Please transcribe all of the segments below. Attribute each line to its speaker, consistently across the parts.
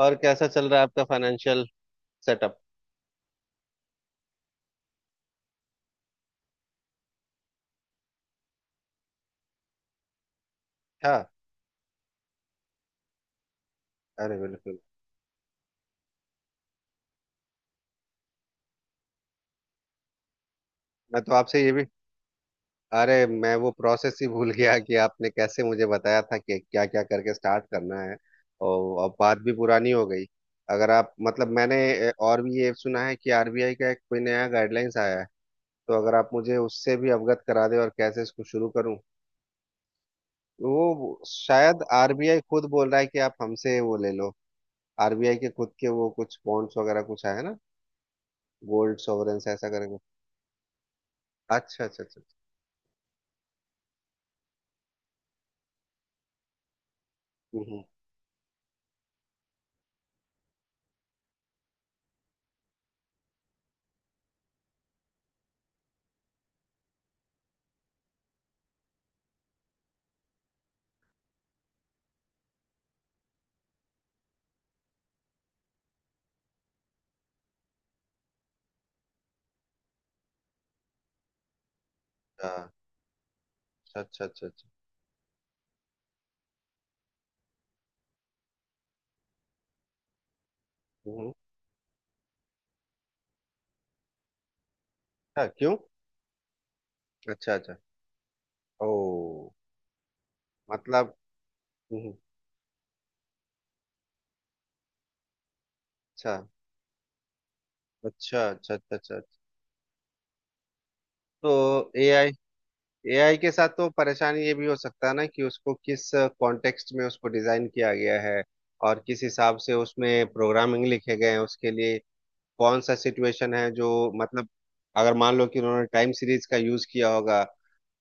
Speaker 1: और कैसा चल रहा है आपका फाइनेंशियल सेटअप। हाँ। अरे बिल्कुल। मैं तो आपसे ये भी, अरे मैं वो प्रोसेस ही भूल गया कि आपने कैसे मुझे बताया था कि क्या क्या करके स्टार्ट करना है। और अब बात भी पुरानी हो गई। अगर आप मतलब मैंने और भी ये सुना है कि आरबीआई का एक कोई नया गाइडलाइंस आया है। तो अगर आप मुझे उससे भी अवगत करा दें और कैसे इसको शुरू करूं। वो शायद आरबीआई खुद बोल रहा है कि आप हमसे वो ले लो। आरबीआई के खुद के वो कुछ बॉन्ड्स वगैरह कुछ है ना। गोल्ड सोवरेन्स ऐसा करके। अच्छा अच्छा अच्छा अच्छा। हम्म। अच्छा अच्छा अच्छा अच्छा अच्छा। हम्म। अच्छा, क्यों। अच्छा अच्छा। ओ। मतलब। हम्म। अच्छा अच्छा अच्छा अच्छा अच्छा अच्छा। तो एआई, एआई के साथ तो परेशानी ये भी हो सकता है ना कि उसको किस कॉन्टेक्स्ट में उसको डिजाइन किया गया है और किस हिसाब से उसमें प्रोग्रामिंग लिखे गए हैं उसके लिए। कौन सा सिचुएशन है जो, मतलब अगर मान लो कि उन्होंने टाइम सीरीज का यूज किया होगा,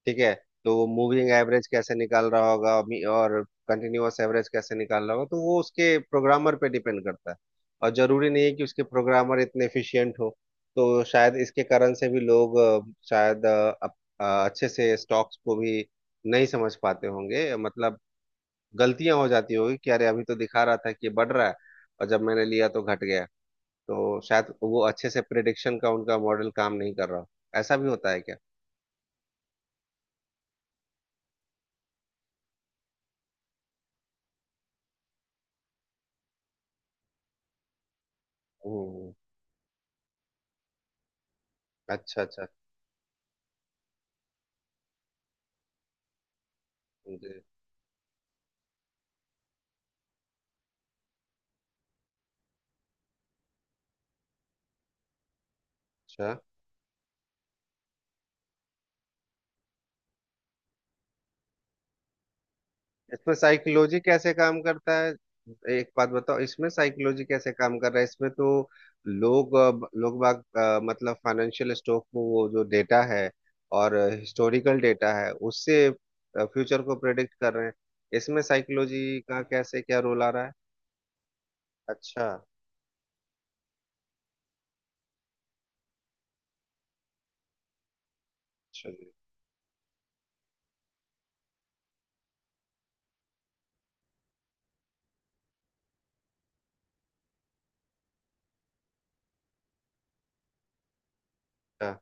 Speaker 1: ठीक है, तो वो मूविंग एवरेज कैसे निकाल रहा होगा और और कंटिन्यूअस एवरेज कैसे निकाल रहा होगा, तो वो उसके प्रोग्रामर पे डिपेंड करता है। और जरूरी नहीं है कि उसके प्रोग्रामर इतने एफिशिएंट हो। तो शायद इसके कारण से भी लोग शायद अच्छे से स्टॉक्स को भी नहीं समझ पाते होंगे, मतलब गलतियां हो जाती होगी कि अरे अभी तो दिखा रहा था कि ये बढ़ रहा है और जब मैंने लिया तो घट गया। तो शायद वो अच्छे से प्रिडिक्शन का उनका मॉडल काम नहीं कर रहा हो। ऐसा भी होता है क्या। हम्म। अच्छा अच्छा। जी। अच्छा। इसमें साइकोलॉजी कैसे काम करता है। एक बात बताओ, इसमें साइकोलॉजी कैसे काम कर रहा है, इसमें तो लोग लोग बाग मतलब फाइनेंशियल स्टॉक में वो जो डेटा है और हिस्टोरिकल डेटा है उससे फ्यूचर को प्रेडिक्ट कर रहे हैं। इसमें साइकोलॉजी का कैसे क्या रोल आ रहा है। अच्छा अच्छा अच्छा,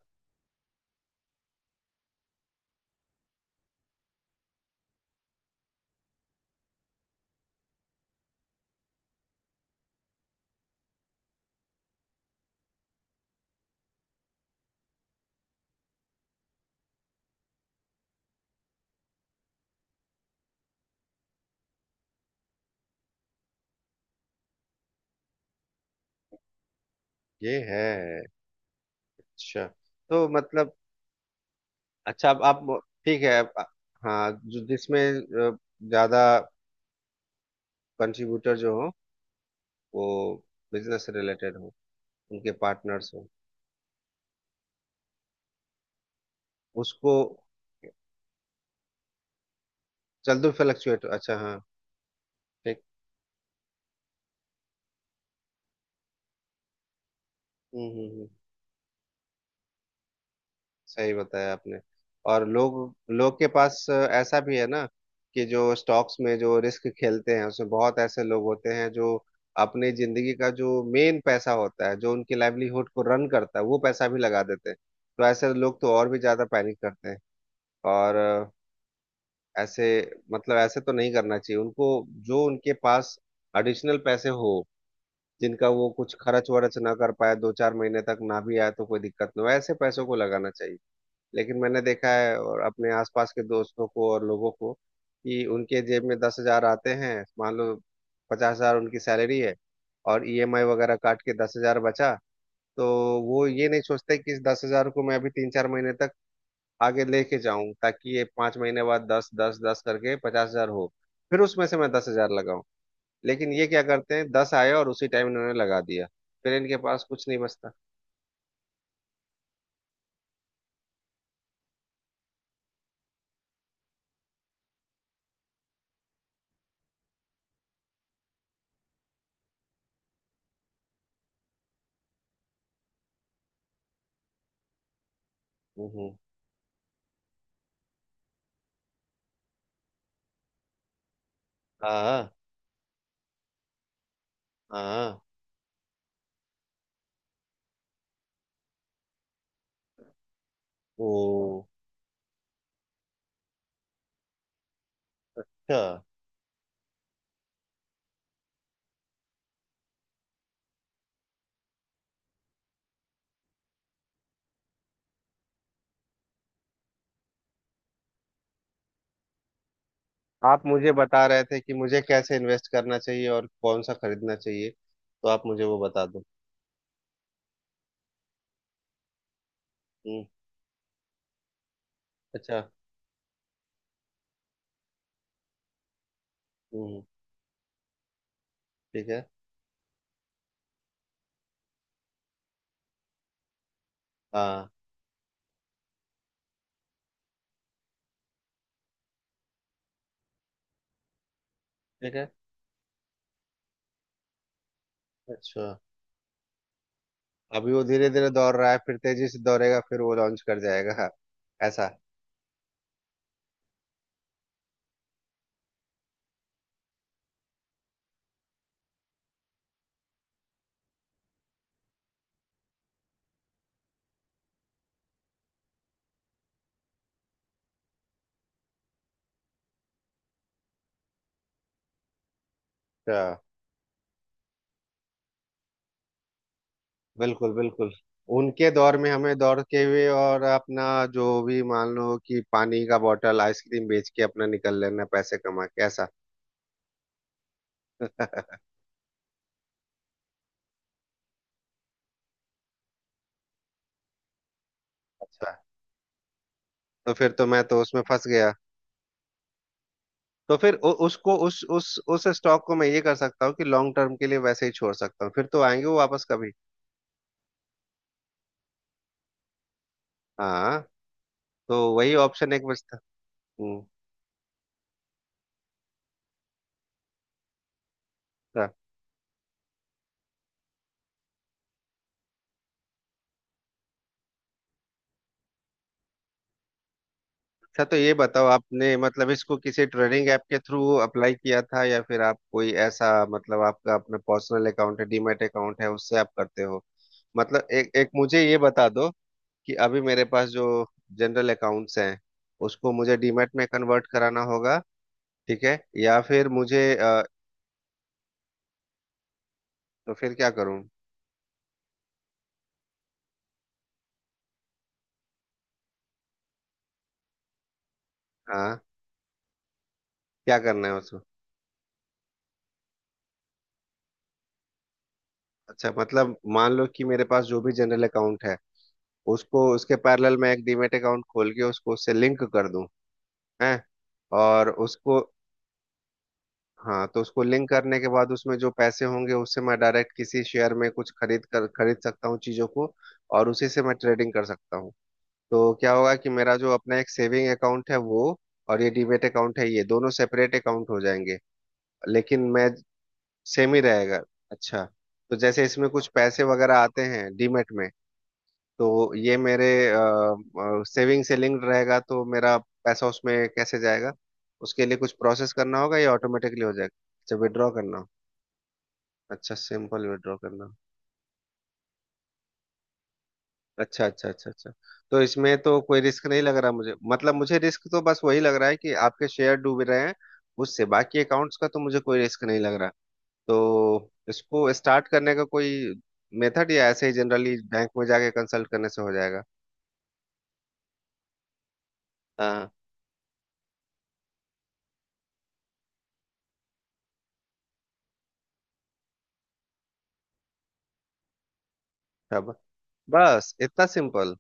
Speaker 1: ये है। अच्छा। तो मतलब, अच्छा अब आप, ठीक है अब-, हाँ जो जिसमें अ, ज्यादा कंट्रीब्यूटर जो हो, वो बिजनेस रिलेटेड हो, उनके पार्टनर्स हो, उसको चल दो फ्लक्चुएट, अच्छा हाँ। ठीक। हम्म। सही बताया आपने। और लोग, लोग के पास ऐसा भी है ना कि जो स्टॉक्स में जो रिस्क खेलते हैं उसमें बहुत ऐसे लोग होते हैं जो अपनी जिंदगी का जो मेन पैसा होता है जो उनकी लाइवलीहुड को रन करता है वो पैसा भी लगा देते हैं। तो ऐसे लोग तो और भी ज्यादा पैनिक करते हैं। और ऐसे, मतलब ऐसे तो नहीं करना चाहिए उनको। जो उनके पास एडिशनल पैसे हो, जिनका वो कुछ खर्च वर्च ना कर पाए, 2-4 महीने तक ना भी आए तो कोई दिक्कत ना हो, ऐसे पैसों को लगाना चाहिए। लेकिन मैंने देखा है, और अपने आसपास के दोस्तों को और लोगों को, कि उनके जेब में 10 हजार आते हैं मान लो, 50 हजार उनकी सैलरी है, और ईएमआई वगैरह काट के 10 हजार बचा। तो वो ये नहीं सोचते कि इस 10 हजार को मैं अभी 3-4 महीने तक आगे लेके जाऊं ताकि ये 5 महीने बाद दस दस दस करके 50 हजार हो, फिर उसमें से मैं 10 हजार लगाऊं। लेकिन ये क्या करते हैं, दस आए और उसी टाइम इन्होंने लगा दिया। फिर इनके पास कुछ नहीं बचता। हम्म। हाँ हाँ। ओ। अच्छा, आप मुझे बता रहे थे कि मुझे कैसे इन्वेस्ट करना चाहिए और कौन सा खरीदना चाहिए, तो आप मुझे वो बता दो। हम्म। अच्छा। हम्म। ठीक है। हाँ। ठीक है। अच्छा, अभी वो धीरे धीरे दौड़ रहा है फिर तेजी से दौड़ेगा फिर वो लॉन्च कर जाएगा। ऐसा। अच्छा, बिल्कुल बिल्कुल। उनके दौर में हमें दौड़ के हुए और अपना जो भी, मान लो कि पानी का बोतल आइसक्रीम बेच के अपना निकल लेना, पैसे कमा के ऐसा। अच्छा, तो फिर तो मैं तो उसमें फंस गया। तो फिर उसको उस स्टॉक को मैं ये कर सकता हूँ कि लॉन्ग टर्म के लिए वैसे ही छोड़ सकता हूँ, फिर तो आएंगे वो वापस कभी। हाँ। तो वही ऑप्शन एक बचता। हम्म। अच्छा, तो ये बताओ आपने मतलब इसको किसी ट्रेडिंग ऐप के थ्रू अप्लाई किया था, या फिर आप कोई ऐसा मतलब आपका अपना पर्सनल अकाउंट है, डीमैट अकाउंट है, उससे आप करते हो। मतलब एक एक मुझे ये बता दो कि अभी मेरे पास जो जनरल अकाउंट्स हैं उसको मुझे डीमैट में कन्वर्ट कराना होगा, ठीक है, या फिर तो फिर क्या करूं। हाँ। क्या करना है उसको। अच्छा मतलब मान लो कि मेरे पास जो भी जनरल अकाउंट है, उसको उसके पैरेलल मैं एक डीमैट अकाउंट खोल के उसको उससे लिंक कर दूं। हैं। और उसको, हाँ, तो उसको लिंक करने के बाद उसमें जो पैसे होंगे उससे मैं डायरेक्ट किसी शेयर में कुछ खरीद कर खरीद सकता हूँ चीजों को, और उसी से मैं ट्रेडिंग कर सकता हूँ। तो क्या होगा कि मेरा जो अपना एक सेविंग अकाउंट है वो, और ये डीमेट अकाउंट है, ये दोनों सेपरेट अकाउंट हो जाएंगे। लेकिन मैं, सेम ही रहेगा। अच्छा। तो जैसे इसमें कुछ पैसे वगैरह आते हैं डीमेट में, तो ये मेरे सेविंग से लिंक्ड रहेगा, तो मेरा पैसा उसमें कैसे जाएगा, उसके लिए कुछ प्रोसेस करना होगा या ऑटोमेटिकली हो जाएगा। अच्छा, विड्रॉ करना हो। अच्छा, सिंपल विड्रॉ करना हो। अच्छा अच्छा अच्छा अच्छा। तो इसमें तो कोई रिस्क नहीं लग रहा मुझे, मतलब मुझे रिस्क तो बस वही लग रहा है कि आपके शेयर डूब रहे हैं, उससे बाकी अकाउंट्स का तो मुझे कोई रिस्क नहीं लग रहा। तो इसको स्टार्ट करने का कोई मेथड, या ऐसे ही जनरली बैंक में जाके कंसल्ट करने से हो जाएगा। हाँ। तब, बस इतना सिंपल।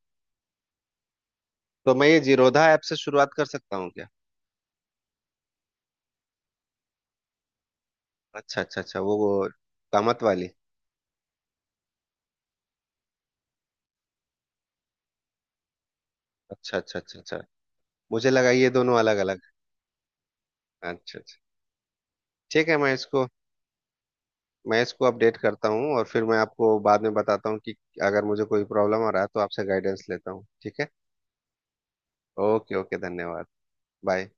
Speaker 1: तो मैं ये जीरोधा ऐप से शुरुआत कर सकता हूँ क्या। अच्छा अच्छा अच्छा, वो कामत वाली। अच्छा अच्छा अच्छा अच्छा। मुझे लगा ये दोनों अलग अलग। अच्छा अच्छा। ठीक है मैं इसको, मैं इसको अपडेट करता हूँ और फिर मैं आपको बाद में बताता हूँ कि अगर मुझे कोई प्रॉब्लम आ रहा है तो आपसे गाइडेंस लेता हूँ, ठीक है। ओके ओके, धन्यवाद। बाय।